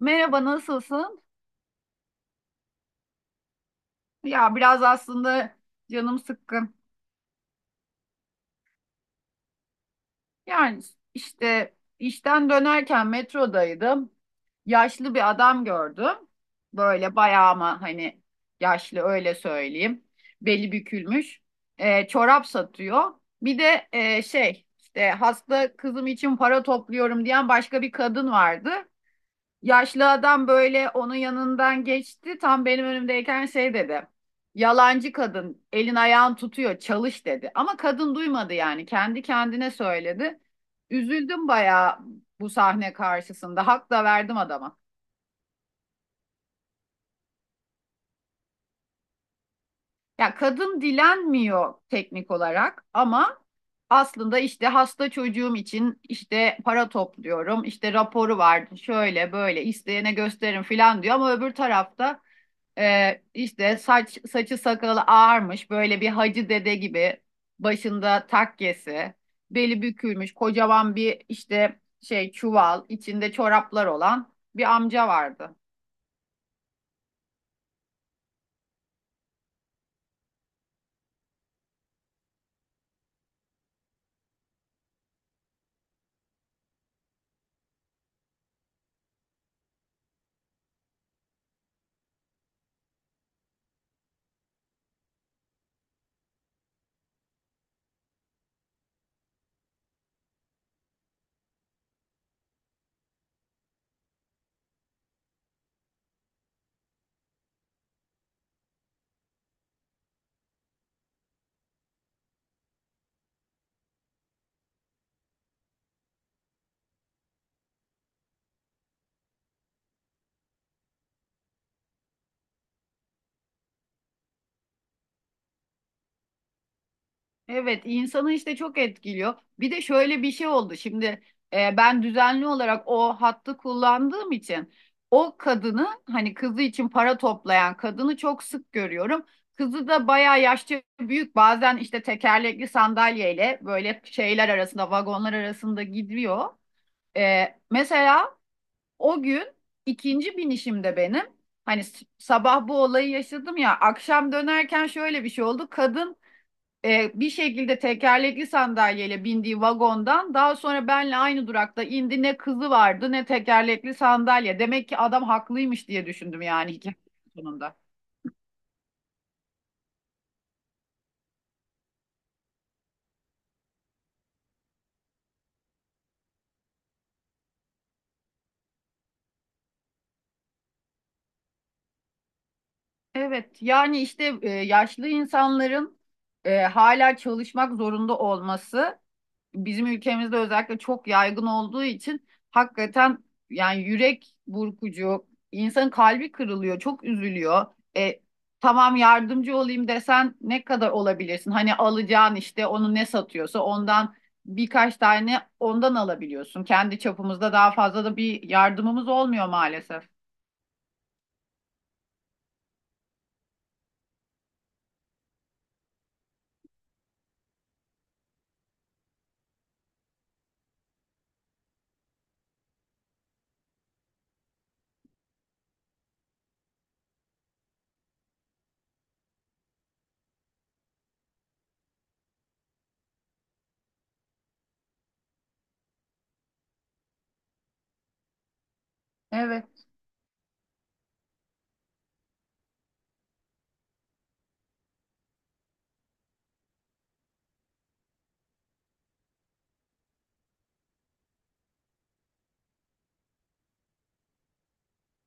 Merhaba, nasılsın? Ya biraz aslında canım sıkkın. Yani işte işten dönerken metrodaydım. Yaşlı bir adam gördüm. Böyle bayağı ama hani yaşlı öyle söyleyeyim. Beli bükülmüş. Çorap satıyor. Bir de şey işte hasta kızım için para topluyorum diyen başka bir kadın vardı. Yaşlı adam böyle onun yanından geçti. Tam benim önümdeyken şey dedi. Yalancı kadın, elin ayağın tutuyor çalış dedi. Ama kadın duymadı, yani kendi kendine söyledi. Üzüldüm bayağı bu sahne karşısında. Hak da verdim adama. Ya kadın dilenmiyor teknik olarak ama aslında işte hasta çocuğum için işte para topluyorum, işte raporu vardı, şöyle böyle isteyene gösterin filan diyor ama öbür tarafta işte saç saçı sakalı ağarmış, böyle bir hacı dede gibi, başında takkesi, beli bükülmüş, kocaman bir işte şey çuval, içinde çoraplar olan bir amca vardı. Evet, insanı işte çok etkiliyor. Bir de şöyle bir şey oldu. Ben düzenli olarak o hattı kullandığım için o kadını, hani kızı için para toplayan kadını, çok sık görüyorum. Kızı da bayağı yaşça büyük. Bazen işte tekerlekli sandalyeyle böyle şeyler arasında, vagonlar arasında gidiyor. E, mesela o gün ikinci binişimde benim, hani sabah bu olayı yaşadım ya, akşam dönerken şöyle bir şey oldu. Kadın bir şekilde tekerlekli sandalyeyle bindiği vagondan daha sonra benle aynı durakta indi. Ne kızı vardı ne tekerlekli sandalye. Demek ki adam haklıymış diye düşündüm, yani hikayenin sonunda. Evet, yani işte yaşlı insanların hala çalışmak zorunda olması bizim ülkemizde özellikle çok yaygın olduğu için hakikaten yani yürek burkucu, insanın kalbi kırılıyor, çok üzülüyor. E, tamam, yardımcı olayım desen ne kadar olabilirsin? Hani alacağın işte, onu ne satıyorsa ondan birkaç tane ondan alabiliyorsun. Kendi çapımızda daha fazla da bir yardımımız olmuyor maalesef. Evet.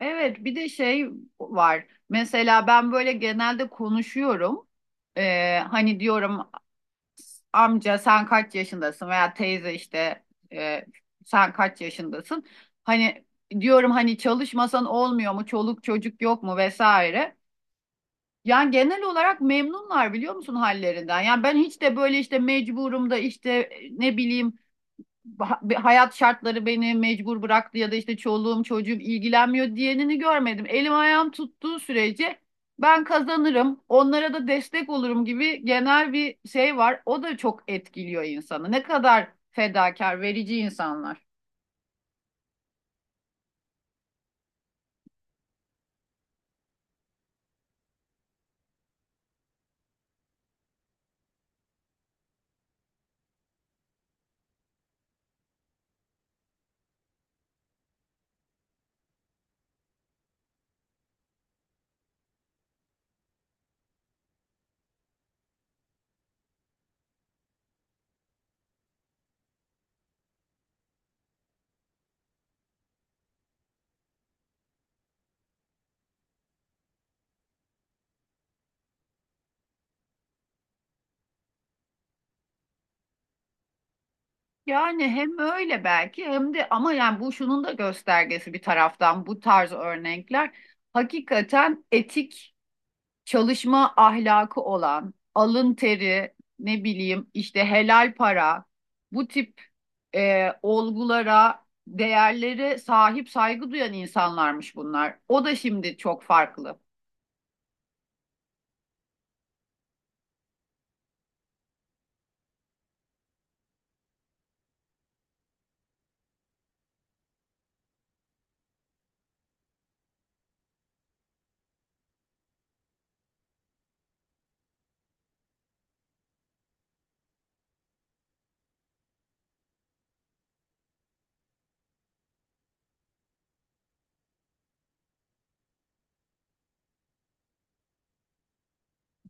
Evet, bir de şey var. Mesela ben böyle genelde konuşuyorum. Hani diyorum amca sen kaç yaşındasın, veya teyze işte e, sen kaç yaşındasın? Hani diyorum hani çalışmasan olmuyor mu? Çoluk çocuk yok mu, vesaire. Yani genel olarak memnunlar, biliyor musun, hallerinden. Yani ben hiç de böyle işte mecburum da, işte ne bileyim, hayat şartları beni mecbur bıraktı, ya da işte çoluğum çocuğum ilgilenmiyor diyenini görmedim. Elim ayağım tuttuğu sürece ben kazanırım, onlara da destek olurum gibi genel bir şey var. O da çok etkiliyor insanı. Ne kadar fedakar, verici insanlar. Yani hem öyle belki hem de, ama yani bu şunun da göstergesi bir taraftan, bu tarz örnekler hakikaten etik çalışma ahlakı olan, alın teri, ne bileyim işte helal para, bu tip olgulara, değerlere sahip, saygı duyan insanlarmış bunlar. O da şimdi çok farklı.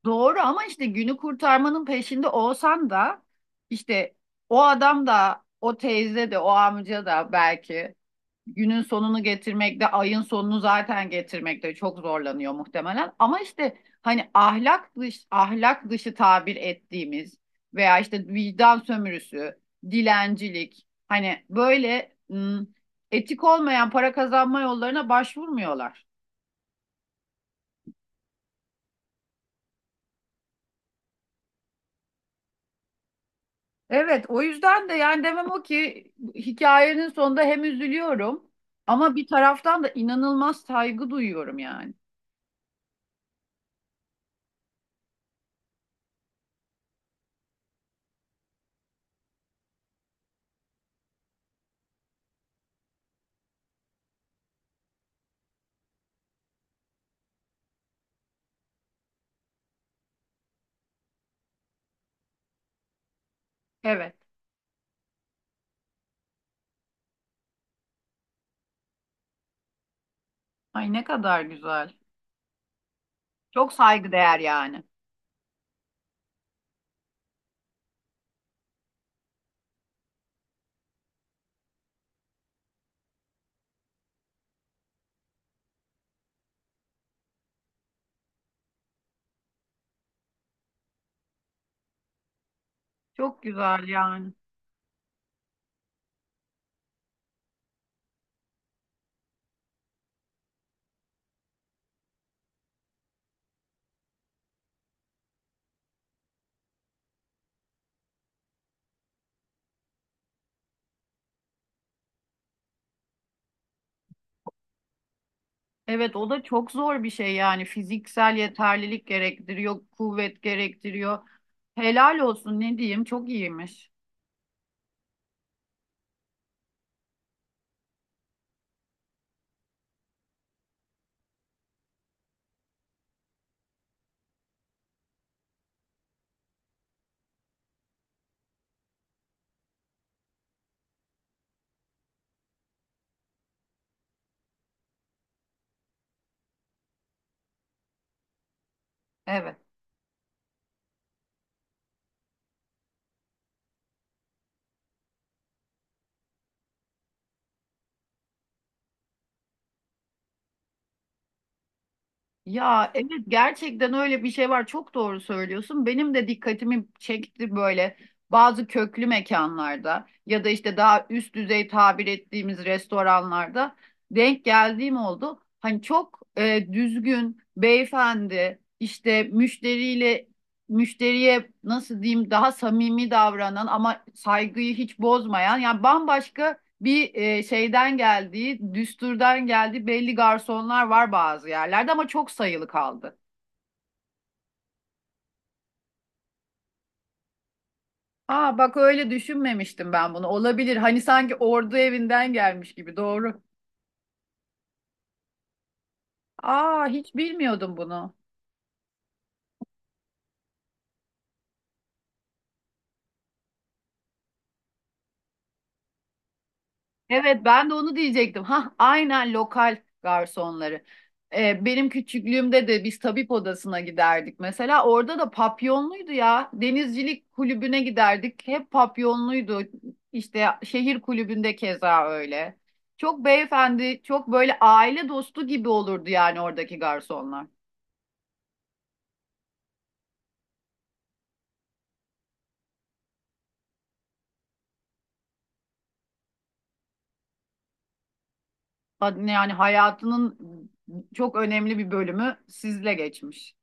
Doğru, ama işte günü kurtarmanın peşinde olsan da işte o adam da, o teyze de, o amca da belki günün sonunu getirmekte, ayın sonunu zaten getirmekte çok zorlanıyor muhtemelen. Ama işte hani ahlak dışı tabir ettiğimiz veya işte vicdan sömürüsü, dilencilik, hani böyle etik olmayan para kazanma yollarına başvurmuyorlar. Evet, o yüzden de yani demem o ki, hikayenin sonunda hem üzülüyorum ama bir taraftan da inanılmaz saygı duyuyorum yani. Evet. Ay, ne kadar güzel. Çok saygıdeğer yani. Çok güzel yani. Evet, o da çok zor bir şey yani. Fiziksel yeterlilik gerektiriyor, kuvvet gerektiriyor. Helal olsun, ne diyeyim, çok iyiymiş. Evet. Ya evet, gerçekten öyle bir şey var. Çok doğru söylüyorsun. Benim de dikkatimi çekti böyle bazı köklü mekanlarda ya da işte daha üst düzey tabir ettiğimiz restoranlarda denk geldiğim oldu. Hani çok düzgün beyefendi, işte müşteriye nasıl diyeyim, daha samimi davranan ama saygıyı hiç bozmayan, yani bambaşka bir şeyden geldiği, düsturdan geldiği belli garsonlar var bazı yerlerde, ama çok sayılı kaldı. Aa, bak öyle düşünmemiştim ben bunu. Olabilir. Hani sanki ordu evinden gelmiş gibi. Doğru. Aa, hiç bilmiyordum bunu. Evet, ben de onu diyecektim. Ha, aynen, lokal garsonları. Benim küçüklüğümde de biz tabip odasına giderdik mesela. Orada da papyonluydu ya. Denizcilik kulübüne giderdik. Hep papyonluydu. İşte şehir kulübünde keza öyle. Çok beyefendi, çok böyle aile dostu gibi olurdu yani oradaki garsonlar. Ha- Yani hayatının çok önemli bir bölümü sizle geçmiş.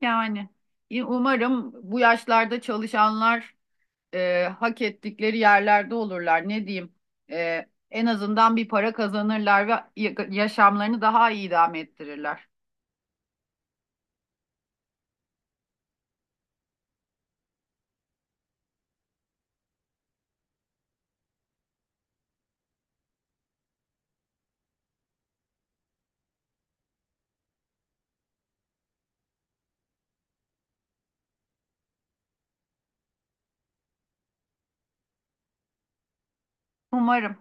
Yani umarım bu yaşlarda çalışanlar hak ettikleri yerlerde olurlar. Ne diyeyim? E, en azından bir para kazanırlar ve yaşamlarını daha iyi idame ettirirler. Umarım.